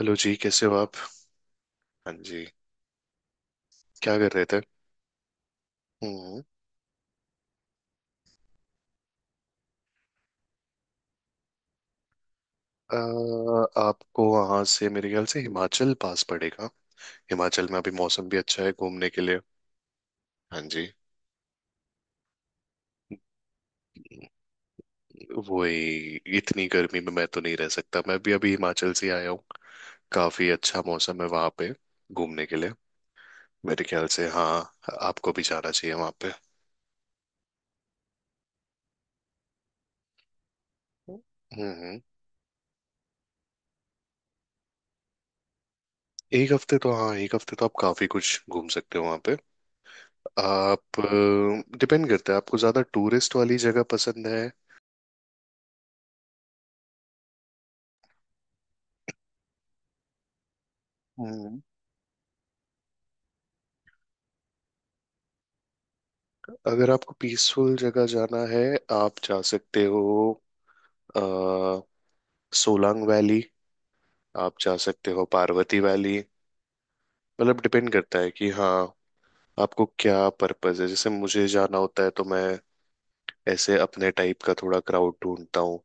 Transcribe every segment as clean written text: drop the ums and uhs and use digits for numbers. Hello जी, कैसे हो आप। हाँ जी। क्या कर रहे थे। हम्म। अ, आपको वहां से मेरे ख्याल से हिमाचल पास पड़ेगा। हिमाचल में अभी मौसम भी अच्छा है घूमने के लिए। हाँ जी। वही, इतनी गर्मी में मैं तो नहीं रह सकता, मैं भी अभी हिमाचल से आया हूँ। काफी अच्छा मौसम है वहां पे घूमने के लिए। मेरे ख्याल से हाँ, आपको भी जाना चाहिए वहां पे। हम्म। एक हफ्ते तो, हाँ एक हफ्ते तो आप काफी कुछ घूम सकते हो वहां पे। आप डिपेंड करता है, आपको ज्यादा टूरिस्ट वाली जगह पसंद है। हम्म। अगर आपको पीसफुल जगह जाना है आप जा सकते हो। आ, सोलांग वैली। आप जा सकते हो पार्वती वैली। मतलब डिपेंड करता है कि हाँ आपको क्या पर्पस है। जैसे मुझे जाना होता है तो मैं ऐसे अपने टाइप का थोड़ा क्राउड ढूंढता हूँ,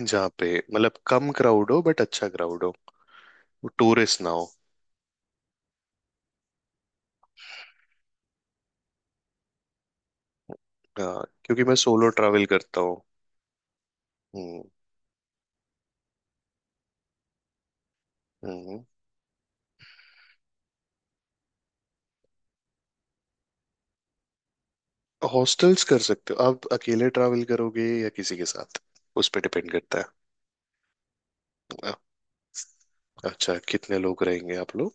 जहाँ पे मतलब कम क्राउड हो बट अच्छा क्राउड हो, टूरिस्ट ना हो। हाँ क्योंकि मैं सोलो ट्रैवल करता हूँ। हम्म हम्म। हॉस्टल्स कर सकते हो आप। अकेले ट्रैवल करोगे या किसी के साथ, उस पर डिपेंड करता है। अ- अच्छा कितने लोग रहेंगे आप लोग।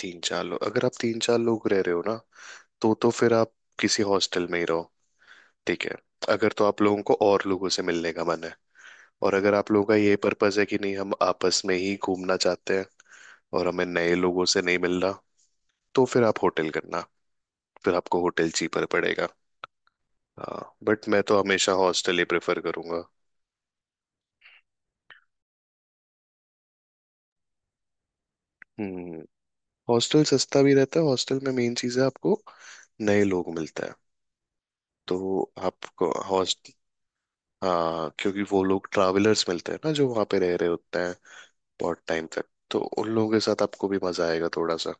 तीन चार लोग, अगर आप तीन चार लोग रह रहे हो ना तो फिर आप किसी हॉस्टल में ही रहो। ठीक है, अगर तो आप लोगों को और लोगों से मिलने का मन है। और अगर आप लोगों का ये पर्पस है कि नहीं हम आपस में ही घूमना चाहते हैं और हमें नए लोगों से नहीं मिल रहा, तो फिर आप होटल करना। फिर आपको होटल चीपर पड़ेगा। हाँ बट मैं तो हमेशा हॉस्टल ही प्रेफर करूंगा। हम्म। हॉस्टल सस्ता भी रहता है। हॉस्टल में मेन चीज है, आपको नए लोग मिलता है। तो आपको हॉस्ट, हाँ क्योंकि वो लोग ट्रैवलर्स मिलते हैं ना जो वहाँ पे रह रहे होते हैं बहुत टाइम तक, तो उन लोगों के साथ आपको भी मजा आएगा थोड़ा सा।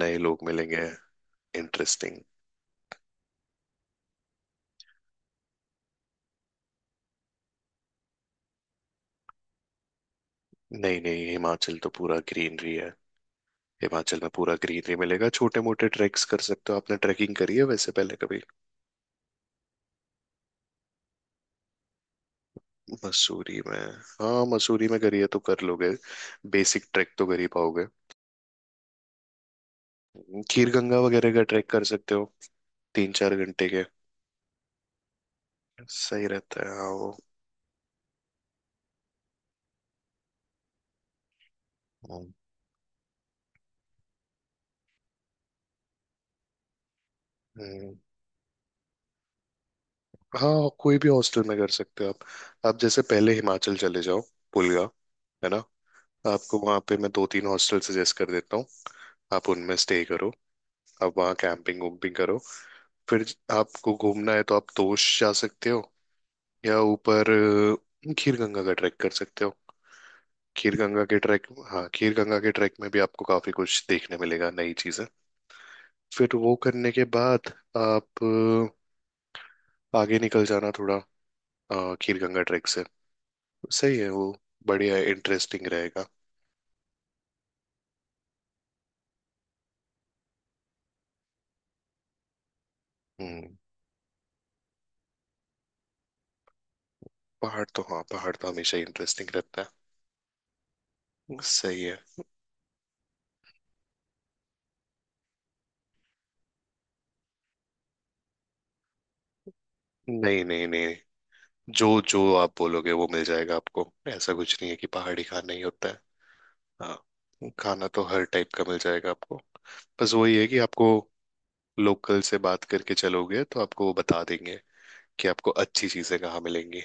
नए लोग मिलेंगे, इंटरेस्टिंग। नहीं नहीं, हिमाचल तो पूरा ग्रीनरी है। हिमाचल में पूरा ग्रीनरी मिलेगा, छोटे मोटे ट्रैक्स कर सकते हो। आपने ट्रैकिंग करी है वैसे पहले कभी। मसूरी में, हाँ मसूरी में करी है तो कर लोगे। बेसिक ट्रैक तो कर ही पाओगे। खीर गंगा वगैरह का ट्रैक कर सकते हो, तीन चार घंटे के। सही रहता है हाँ वो। हम्म। हाँ कोई भी हॉस्टल में कर सकते हो आप। आप जैसे पहले हिमाचल चले जाओ, पुलगा, है ना। आपको वहाँ पे मैं दो तीन हॉस्टल सजेस्ट कर देता हूँ। आप उनमें स्टे करो। आप वहाँ कैंपिंग वैम्पिंग करो। फिर आपको घूमना है तो आप तोश जा सकते हो या ऊपर। खीर गंगा का ट्रैक कर सकते हो, खीर गंगा के ट्रैक। हाँ खीर गंगा के ट्रैक में भी आपको काफी कुछ देखने मिलेगा, नई चीजें। फिर वो करने के बाद आप आगे निकल जाना थोड़ा, खीर गंगा ट्रैक से। सही है वो, बढ़िया इंटरेस्टिंग रहेगा। हम्म। पहाड़ तो, हाँ पहाड़ तो हमेशा इंटरेस्टिंग रहता है। सही है। नहीं नहीं नहीं, जो जो आप बोलोगे वो मिल जाएगा आपको। ऐसा कुछ नहीं है कि पहाड़ी खाना ही होता है। हाँ खाना तो हर टाइप का मिल जाएगा आपको। बस वही है कि आपको लोकल से बात करके चलोगे तो आपको वो बता देंगे कि आपको अच्छी चीजें कहाँ मिलेंगी,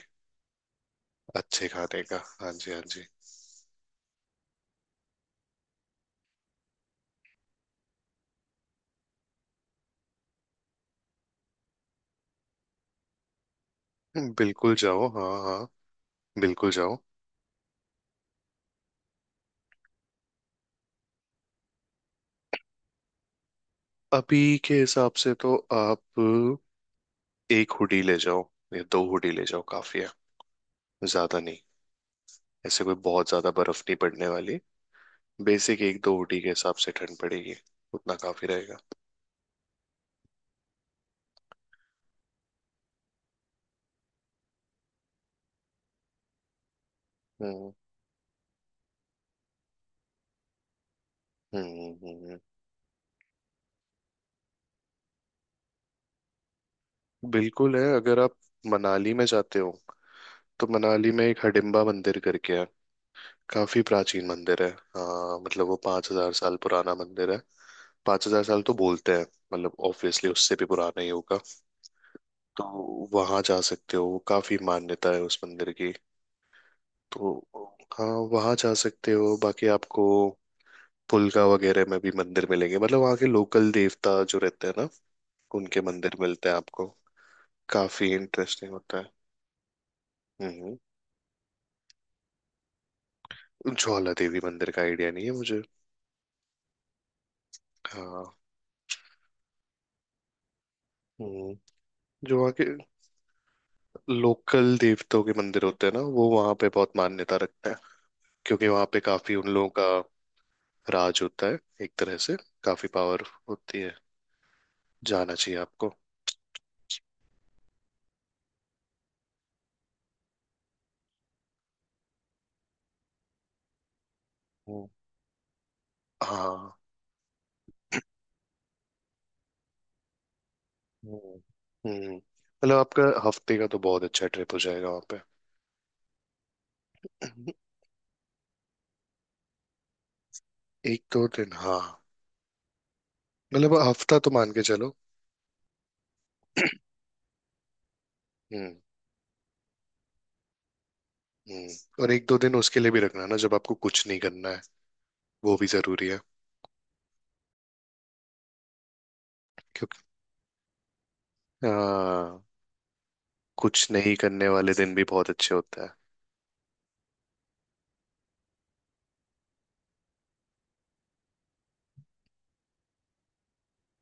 अच्छे खाने का। हाँ जी, हाँ जी। बिल्कुल जाओ, हाँ हाँ, बिल्कुल जाओ। अभी के हिसाब से तो आप एक हुडी ले जाओ या दो हुडी ले जाओ, काफी है, ज्यादा नहीं। ऐसे कोई बहुत ज्यादा बर्फ नहीं पड़ने वाली। बेसिक एक दो हुडी के हिसाब से ठंड पड़ेगी, उतना काफी रहेगा। हम्म हम्म। हम्म। हम्म। बिल्कुल है। अगर आप मनाली में जाते हो तो मनाली में एक हडिम्बा मंदिर करके है, काफी प्राचीन मंदिर है। हाँ मतलब वो 5,000 साल पुराना मंदिर है। 5,000 साल तो बोलते हैं। मतलब ऑब्वियसली उससे भी पुराना ही होगा। तो वहां जा सकते हो, काफी मान्यता है उस मंदिर की। तो हाँ वहाँ जा सकते हो। बाकी आपको पुलका वगैरह में भी मंदिर मिलेंगे, मतलब वहाँ के लोकल देवता जो रहते हैं ना, उनके मंदिर मिलते हैं आपको। काफी इंटरेस्टिंग होता है। हम्म। ज्वाला देवी मंदिर का आइडिया नहीं है मुझे। हाँ। हम्म। जो वहाँ के लोकल देवताओं के मंदिर होते हैं ना वो वहाँ पे बहुत मान्यता रखते हैं, क्योंकि वहाँ पे काफी उन लोगों का राज होता है एक तरह से, काफी पावर होती है। जाना चाहिए आपको। हम्म। हाँ। हम्म मतलब आपका हफ्ते का तो बहुत अच्छा ट्रिप हो जाएगा वहां पे। हम्म। एक दो दिन, हाँ मतलब हफ्ता तो मान के चलो। हम्म। हम्म। और एक दो दिन उसके लिए भी रखना ना, जब आपको कुछ नहीं करना है, वो भी जरूरी है। क्योंकि हाँ, कुछ नहीं करने वाले दिन भी बहुत अच्छे होता है।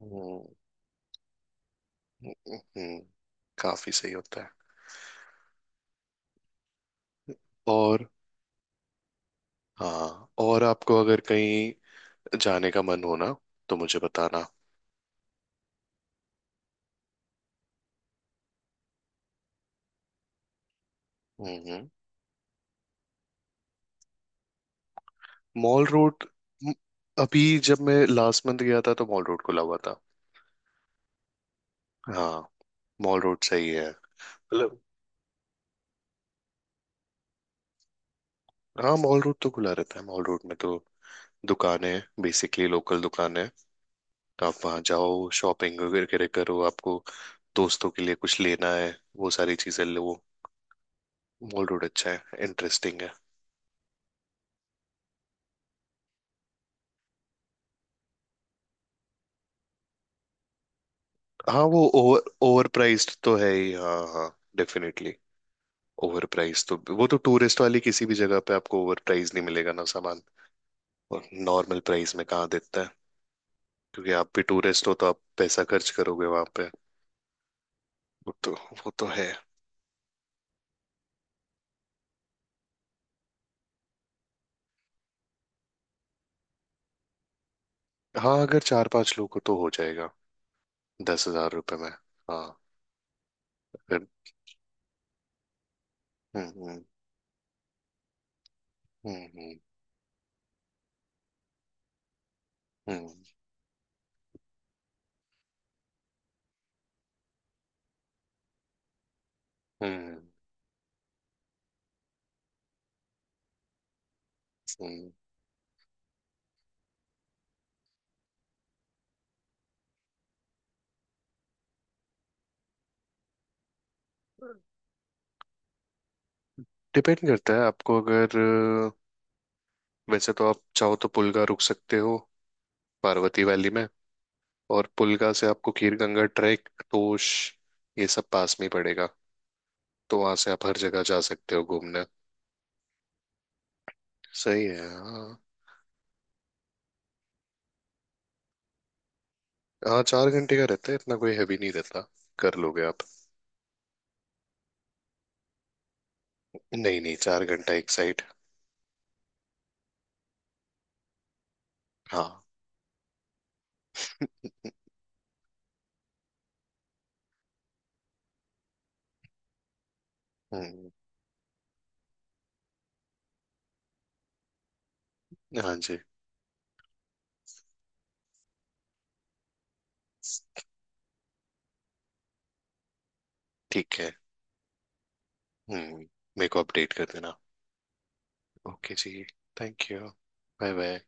हम्म। हम्म। काफी सही होता है। और हाँ, और आपको अगर कहीं जाने का मन हो ना तो मुझे बताना। हम्म। हम्म। मॉल रोड, म- अभी जब मैं लास्ट मंथ गया था तो मॉल रोड खुला हुआ था। हाँ मॉल रोड सही है, मतलब, हाँ मॉल रोड तो खुला रहता है। मॉल रोड में तो दुकानें बेसिकली लोकल दुकान है, तो आप वहाँ जाओ शॉपिंग वगैरह करो। आपको दोस्तों के लिए कुछ लेना है वो सारी चीजें लो। मॉल रोड अच्छा है, इंटरेस्टिंग है। हाँ वो ओवर ओवर प्राइस्ड तो है ही, हाँ हाँ, डेफिनेटली। ओवर प्राइस तो, वो तो टूरिस्ट वाली किसी भी जगह पे आपको ओवर प्राइस नहीं मिलेगा ना सामान। और नॉर्मल प्राइस में कहाँ देता है, क्योंकि आप भी टूरिस्ट हो तो आप पैसा खर्च करोगे वहां पे। वो तो वो तो है। हाँ अगर चार पांच लोग हो तो हो जाएगा, 10,000 रुपये में, हाँ अगर। हम्म हम्म हम्म हम्म हम्म हम्म। डिपेंड करता है आपको अगर, वैसे तो आप चाहो तो पुलगा रुक सकते हो, पार्वती वैली में। और पुलगा से आपको खीर गंगा ट्रैक, तोश, ये सब पास में ही पड़ेगा। तो वहां से आप हर जगह जा सकते हो घूमने। सही है। हाँ हाँ चार घंटे का रहता है, इतना कोई हैवी नहीं रहता, कर लोगे आप। नहीं नहीं, चार घंटा एक साइड। हाँ। हम्म। हाँ जी। ठीक है। हम्म। मेरे को अपडेट कर देना। ओके जी। Thank you. Bye bye.